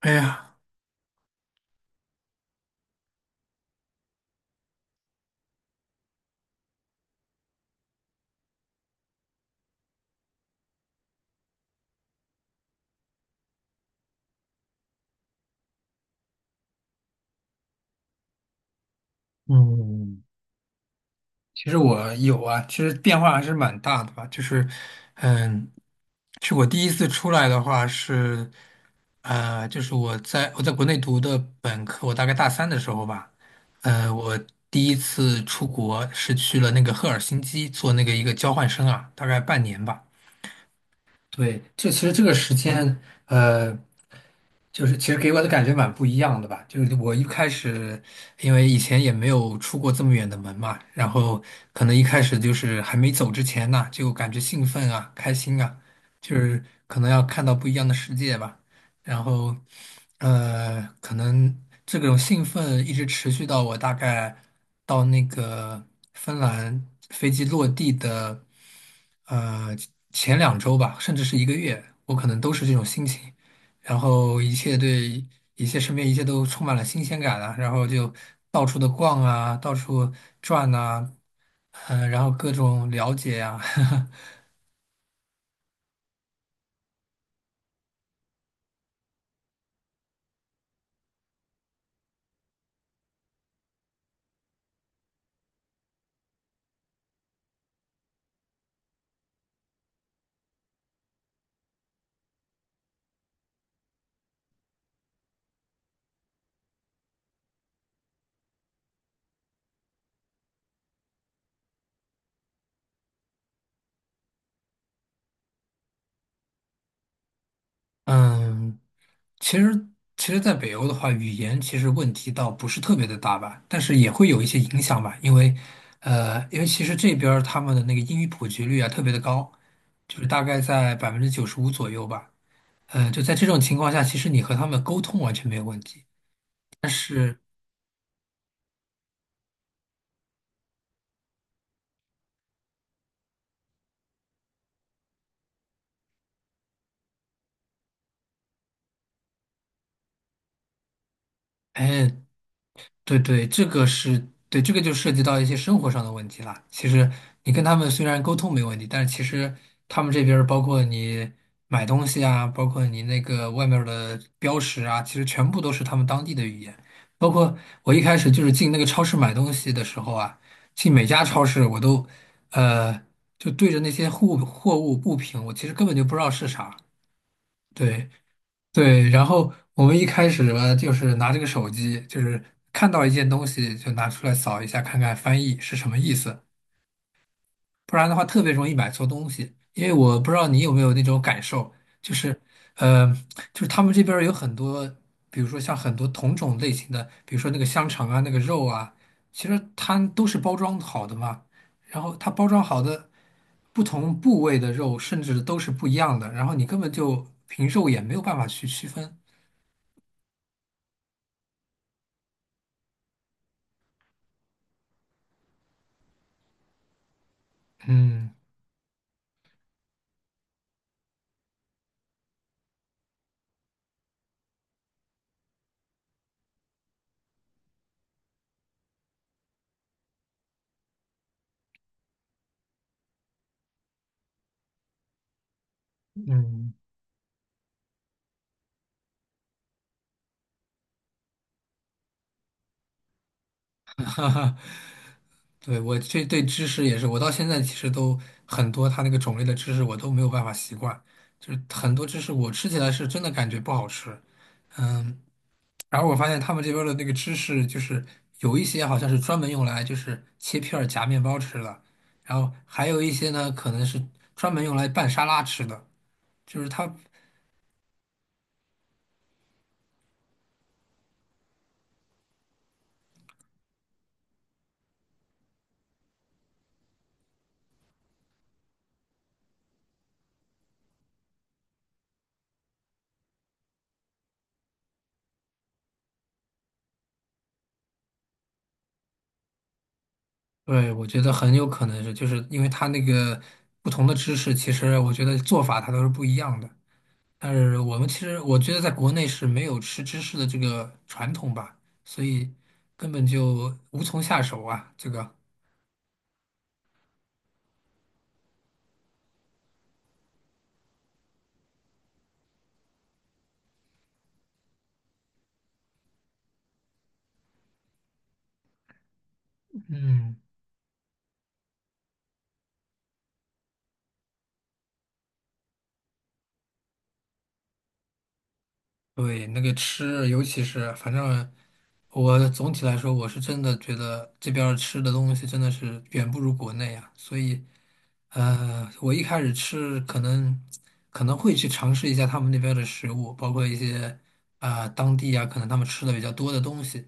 哎呀，嗯，其实我有啊，其实变化还是蛮大的吧。就是，嗯，是我第一次出来的话是，就是我在国内读的本科，我大概大三的时候吧，我第一次出国是去了那个赫尔辛基做那个一个交换生啊，大概半年吧。对，这其实这个时间，呃。就是其实给我的感觉蛮不一样的吧。就是我一开始，因为以前也没有出过这么远的门嘛，然后可能一开始就是还没走之前呢，就感觉兴奋啊、开心啊，就是可能要看到不一样的世界吧。然后，可能这种兴奋一直持续到我大概到那个芬兰飞机落地的，呃，前2周吧，甚至是1个月，我可能都是这种心情。然后一切身边一切都充满了新鲜感啊，然后就到处的逛啊，到处转呐、然后各种了解呀、啊 嗯，其实其实，在北欧的话，语言其实问题倒不是特别的大吧，但是也会有一些影响吧，因为其实这边儿他们的那个英语普及率啊特别的高，就是大概在95%左右吧，就在这种情况下，其实你和他们沟通完全没有问题。但是哎，对对，对，这个就涉及到一些生活上的问题了。其实你跟他们虽然沟通没问题，但是其实他们这边儿包括你买东西啊，包括你那个外面儿的标识啊，其实全部都是他们当地的语言。包括我一开始就是进那个超市买东西的时候啊，进每家超市我都呃就对着那些货物货物物品，我其实根本就不知道是啥。对。对，然后我们一开始吧，就是拿这个手机，就是看到一件东西就拿出来扫一下，看看翻译是什么意思，不然的话特别容易买错东西。因为我不知道你有没有那种感受，就是，呃，就是他们这边儿有很多，比如说像很多同种类型的，比如说那个香肠啊，那个肉啊，其实它都是包装好的嘛，然后它包装好的不同部位的肉，甚至都是不一样的，然后你根本就凭肉眼没有办法去区分。嗯。嗯，对，我这对芝士也是，我到现在其实都很多，它那个种类的芝士我都没有办法习惯，就是很多芝士我吃起来是真的感觉不好吃，嗯，然后我发现他们这边儿的那个芝士就是有一些好像是专门用来就是切片儿夹面包吃的，然后还有一些呢可能是专门用来拌沙拉吃的，就是它，对，我觉得很有可能是，就是因为它那个不同的芝士，其实我觉得做法它都是不一样的。但是我们其实我觉得在国内是没有吃芝士的这个传统吧，所以根本就无从下手啊。这个，嗯，对，那个吃，尤其是反正我总体来说，我是真的觉得这边儿吃的东西真的是远不如国内啊。所以，我一开始吃可能会去尝试一下他们那边的食物，包括一些啊、当地啊可能他们吃的比较多的东西。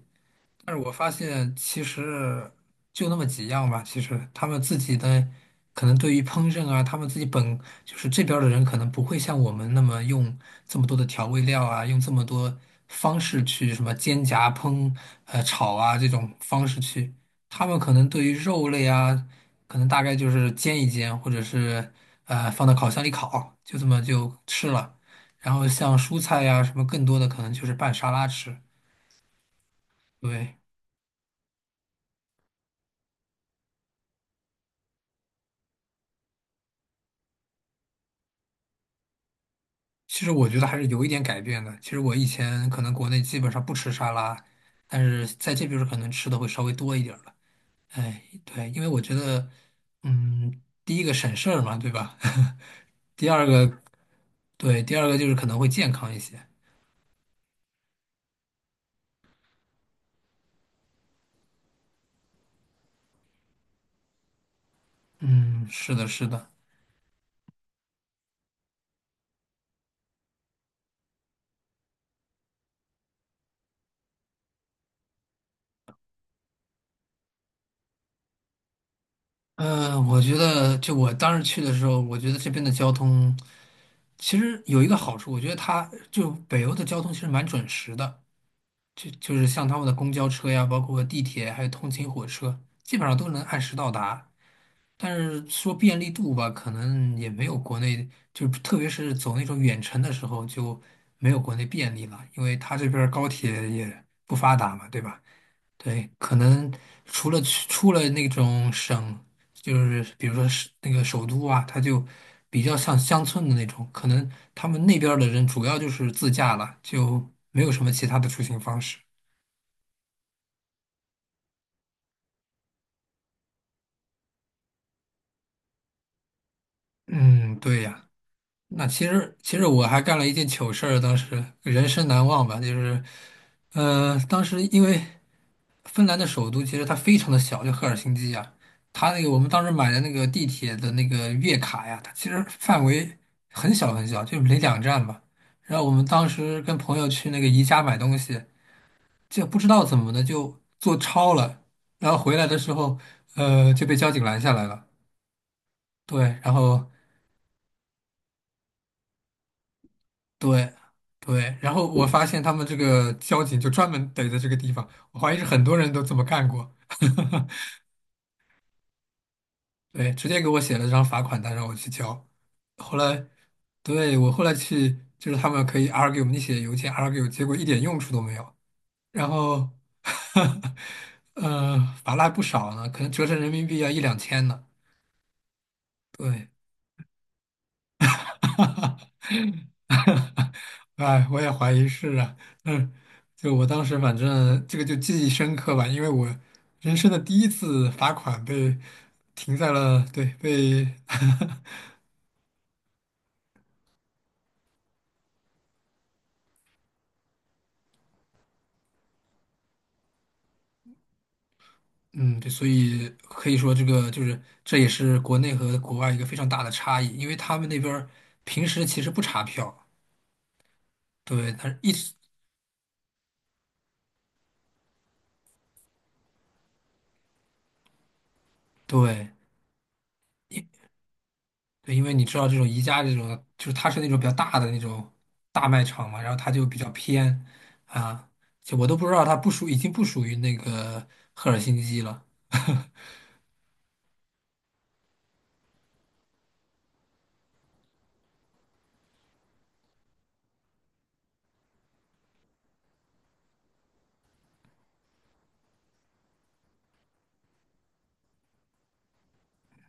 但是我发现其实就那么几样吧，其实他们自己的可能对于烹饪啊，他们自己本就是这边儿的人可能不会像我们那么用这么多的调味料啊，用这么多方式去什么煎炸烹炒啊这种方式去，他们可能对于肉类啊，可能大概就是煎一煎，或者是放到烤箱里烤，就这么就吃了。然后像蔬菜呀、什么更多的可能就是拌沙拉吃，对。其实我觉得还是有一点改变的。其实我以前可能国内基本上不吃沙拉，但是在这边儿可能吃的会稍微多一点儿了。哎，对，因为我觉得，第一个省事儿嘛，对吧？第二个，对，第二个就是可能会健康一些。嗯，是的，是的。我觉得就我当时去的时候，我觉得这边的交通其实有一个好处，我觉得它就北欧的交通其实蛮准时的。就是像他们的公交车呀，包括地铁，还有通勤火车，基本上都能按时到达。但是说便利度吧，可能也没有国内，就是特别是走那种远程的时候就没有国内便利了，因为他这边儿高铁也不发达嘛，对吧？对，可能除了去出了那种省，就是比如说是那个首都啊，它就比较像乡村的那种，可能他们那边儿的人主要就是自驾了，就没有什么其他的出行方式。嗯，对呀，那其实我还干了一件糗事儿，当时人生难忘吧，就是，当时因为芬兰的首都其实它非常的小，就赫尔辛基呀，它那个我们当时买的那个地铁的那个月卡呀，它其实范围很小很小，就没2站吧。然后我们当时跟朋友去那个宜家买东西，就不知道怎么的就坐超了，然后回来的时候，就被交警拦下来了。对，然后对对，然后我发现他们这个交警就专门逮在这个地方，我怀疑是很多人都这么干过。对，直接给我写了张罚款单让我去交。后来，对，我后来去，就是他们可以 argue，你写邮件 argue，结果一点用处都没有。然后，呃，罚了还不少呢，可能折成人民币要一两千呢。对，哈哈，哎，我也怀疑是啊，嗯，就我当时反正这个就记忆深刻吧，因为我人生的第一次罚款被停在了，对，被，嗯，对，所以可以说这个就是这也是国内和国外一个非常大的差异，因为他们那边儿平时其实不查票，对，他是一直对。对，因为你知道这种宜家这种，就是它是那种比较大的那种大卖场嘛，然后它就比较偏啊，就我都不知道它不属，已经不属于那个赫尔辛基了。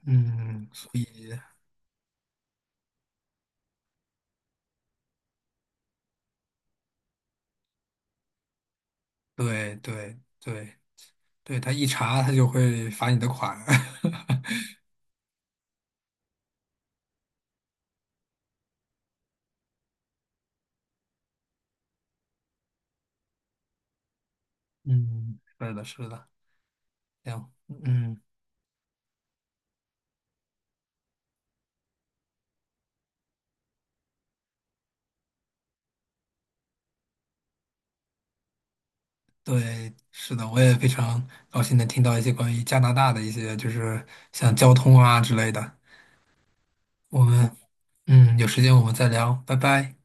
嗯，所以对对对对，他一查他就会罚你的款。嗯，是的，是的，行，嗯，对，是的，我也非常高兴能听到一些关于加拿大的一些，就是像交通啊之类的。我们嗯，有时间我们再聊，拜拜。